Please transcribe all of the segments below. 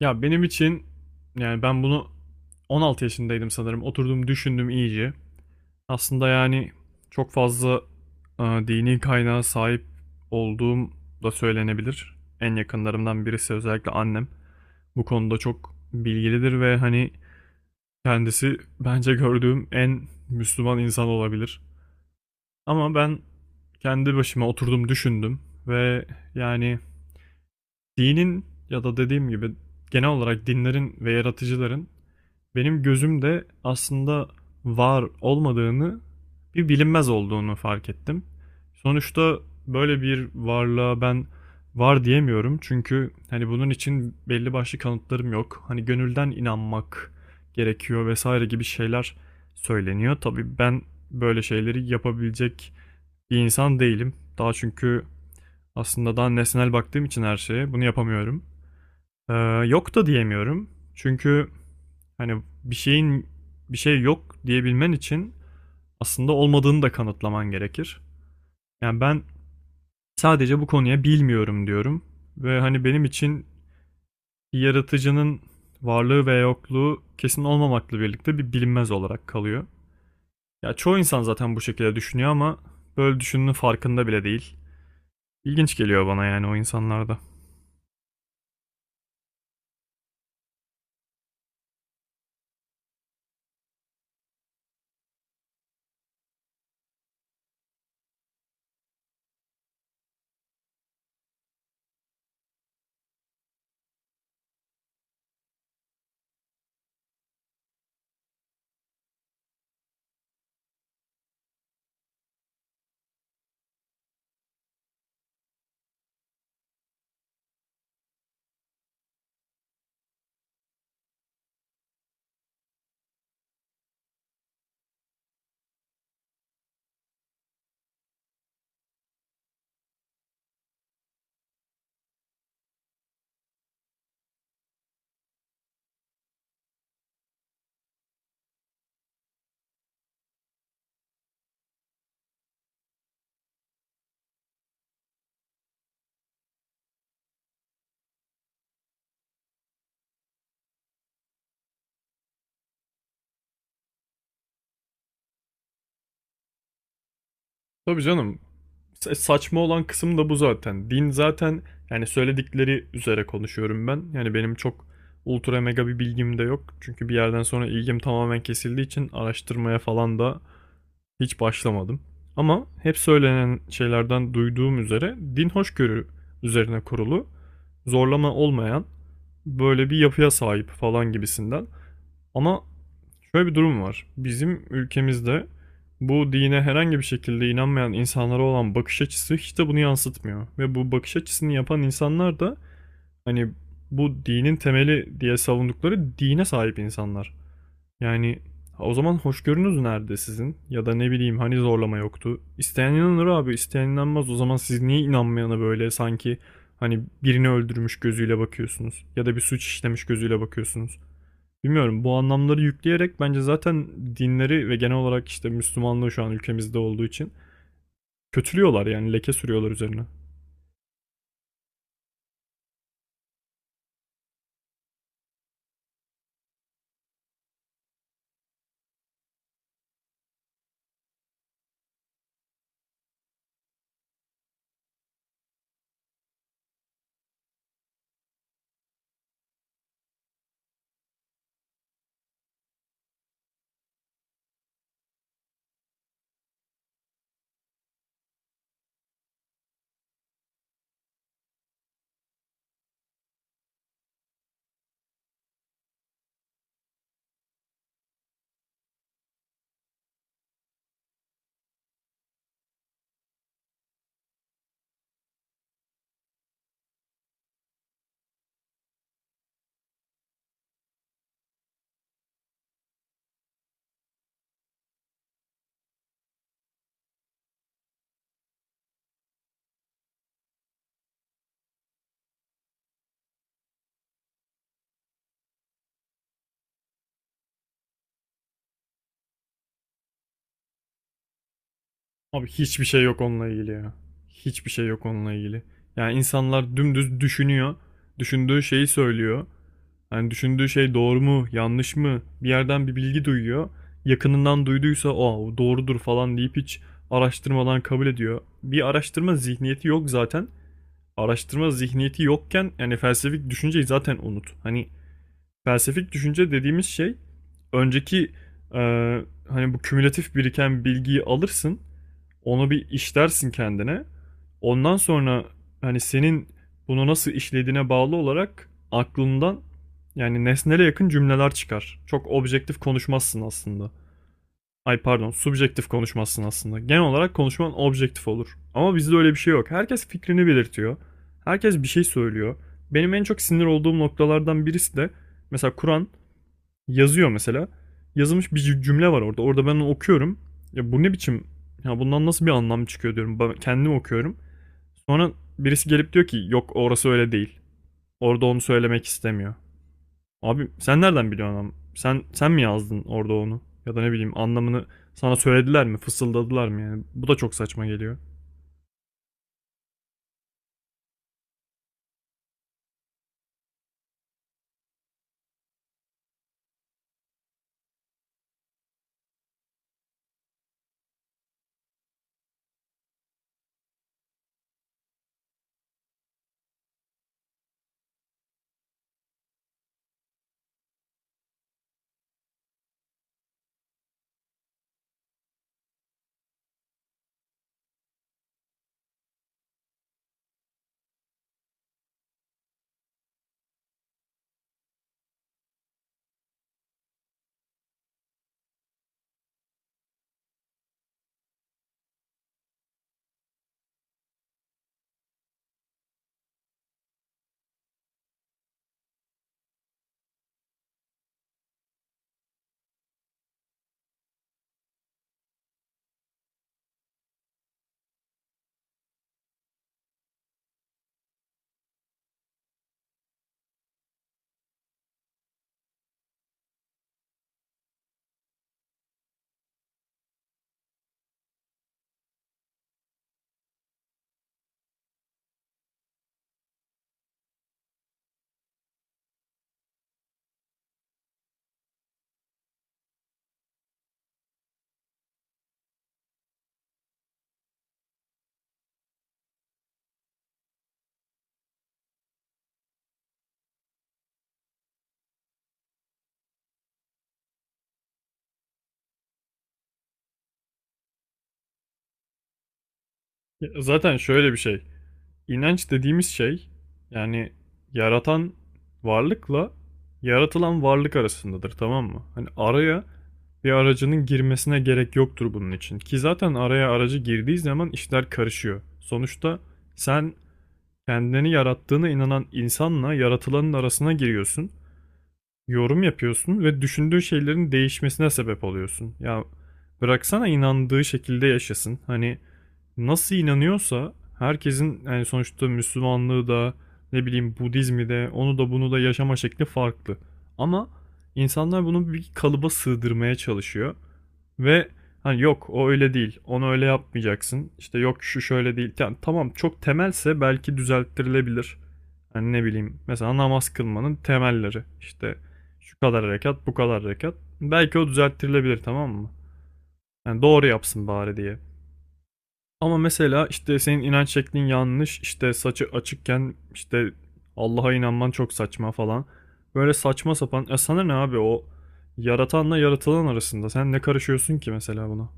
Ya benim için yani ben bunu 16 yaşındaydım sanırım. Oturdum düşündüm iyice. Aslında çok fazla dini kaynağa sahip olduğum da söylenebilir. En yakınlarımdan birisi özellikle annem. Bu konuda çok bilgilidir ve hani kendisi bence gördüğüm en Müslüman insan olabilir. Ama ben kendi başıma oturdum düşündüm ve yani dinin ya da dediğim gibi genel olarak dinlerin ve yaratıcıların benim gözümde aslında var olmadığını, bir bilinmez olduğunu fark ettim. Sonuçta böyle bir varlığa ben var diyemiyorum. Çünkü hani bunun için belli başlı kanıtlarım yok. Hani gönülden inanmak gerekiyor vesaire gibi şeyler söyleniyor. Tabii ben böyle şeyleri yapabilecek bir insan değilim. Daha çünkü aslında daha nesnel baktığım için her şeye bunu yapamıyorum. Ee, Yok da diyemiyorum. Çünkü hani bir şey yok diyebilmen için aslında olmadığını da kanıtlaman gerekir. Yani ben sadece bu konuya bilmiyorum diyorum ve hani benim için bir yaratıcının varlığı ve yokluğu kesin olmamakla birlikte bir bilinmez olarak kalıyor. Ya çoğu insan zaten bu şekilde düşünüyor ama böyle düşündüğünün farkında bile değil. İlginç geliyor bana yani o insanlarda. Tabii canım. Saçma olan kısım da bu zaten. Din zaten yani söyledikleri üzere konuşuyorum ben. Yani benim çok ultra mega bir bilgim de yok. Çünkü bir yerden sonra ilgim tamamen kesildiği için araştırmaya falan da hiç başlamadım. Ama hep söylenen şeylerden duyduğum üzere din hoşgörü üzerine kurulu, zorlama olmayan böyle bir yapıya sahip falan gibisinden. Ama şöyle bir durum var. Bizim ülkemizde bu dine herhangi bir şekilde inanmayan insanlara olan bakış açısı hiç de bunu yansıtmıyor. Ve bu bakış açısını yapan insanlar da hani bu dinin temeli diye savundukları dine sahip insanlar. Yani o zaman hoşgörünüz nerede sizin? Ya da ne bileyim hani zorlama yoktu. İsteyen inanır abi, isteyen inanmaz. O zaman siz niye inanmayana böyle sanki hani birini öldürmüş gözüyle bakıyorsunuz? Ya da bir suç işlemiş gözüyle bakıyorsunuz? Bilmiyorum, bu anlamları yükleyerek bence zaten dinleri ve genel olarak işte Müslümanlığı şu an ülkemizde olduğu için kötülüyorlar, yani leke sürüyorlar üzerine. Abi hiçbir şey yok onunla ilgili ya. Hiçbir şey yok onunla ilgili. Yani insanlar dümdüz düşünüyor. Düşündüğü şeyi söylüyor. Yani düşündüğü şey doğru mu, yanlış mı? Bir yerden bir bilgi duyuyor. Yakınından duyduysa o doğrudur falan deyip hiç araştırmadan kabul ediyor. Bir araştırma zihniyeti yok zaten. Araştırma zihniyeti yokken yani felsefik düşünceyi zaten unut. Hani felsefik düşünce dediğimiz şey önceki e, hani bu kümülatif biriken bilgiyi alırsın, onu bir işlersin kendine. Ondan sonra hani senin bunu nasıl işlediğine bağlı olarak aklından yani nesnele yakın cümleler çıkar. Çok objektif konuşmazsın aslında. Ay pardon, subjektif konuşmazsın aslında. Genel olarak konuşman objektif olur. Ama bizde öyle bir şey yok. Herkes fikrini belirtiyor. Herkes bir şey söylüyor. Benim en çok sinir olduğum noktalardan birisi de mesela Kur'an yazıyor mesela. Yazılmış bir cümle var orada. Orada ben onu okuyorum. Ya bu ne biçim? Ya bundan nasıl bir anlam çıkıyor diyorum. Ben kendim okuyorum. Sonra birisi gelip diyor ki yok orası öyle değil. Orada onu söylemek istemiyor. Abi sen nereden biliyorsun ama? Sen mi yazdın orada onu? Ya da ne bileyim anlamını sana söylediler mi? Fısıldadılar mı yani? Bu da çok saçma geliyor. Ya zaten şöyle bir şey. İnanç dediğimiz şey yani yaratan varlıkla yaratılan varlık arasındadır, tamam mı? Hani araya bir aracının girmesine gerek yoktur bunun için. Ki zaten araya aracı girdiği zaman işler karışıyor. Sonuçta sen kendini yarattığına inanan insanla yaratılanın arasına giriyorsun, yorum yapıyorsun ve düşündüğü şeylerin değişmesine sebep oluyorsun. Ya bıraksana inandığı şekilde yaşasın. Hani nasıl inanıyorsa herkesin, yani sonuçta Müslümanlığı da ne bileyim Budizmi de, onu da bunu da yaşama şekli farklı. Ama insanlar bunu bir kalıba sığdırmaya çalışıyor. Ve hani yok o öyle değil. Onu öyle yapmayacaksın. İşte yok şu şöyle değil. Yani tamam, çok temelse belki düzelttirilebilir. Hani ne bileyim mesela namaz kılmanın temelleri. İşte şu kadar rekat, bu kadar rekat. Belki o düzelttirilebilir, tamam mı? Yani doğru yapsın bari diye. Ama mesela işte senin inanç şeklin yanlış, işte saçı açıkken işte Allah'a inanman çok saçma falan. Böyle saçma sapan. Ya sana ne abi, o yaratanla yaratılan arasında. Sen ne karışıyorsun ki mesela buna?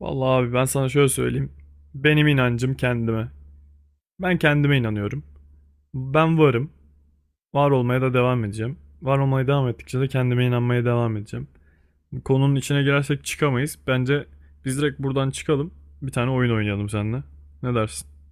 Vallahi abi ben sana şöyle söyleyeyim. Benim inancım kendime. Ben kendime inanıyorum. Ben varım. Var olmaya da devam edeceğim. Var olmaya devam ettikçe de kendime inanmaya devam edeceğim. Konunun içine girersek çıkamayız. Bence biz direkt buradan çıkalım. Bir tane oyun oynayalım seninle. Ne dersin?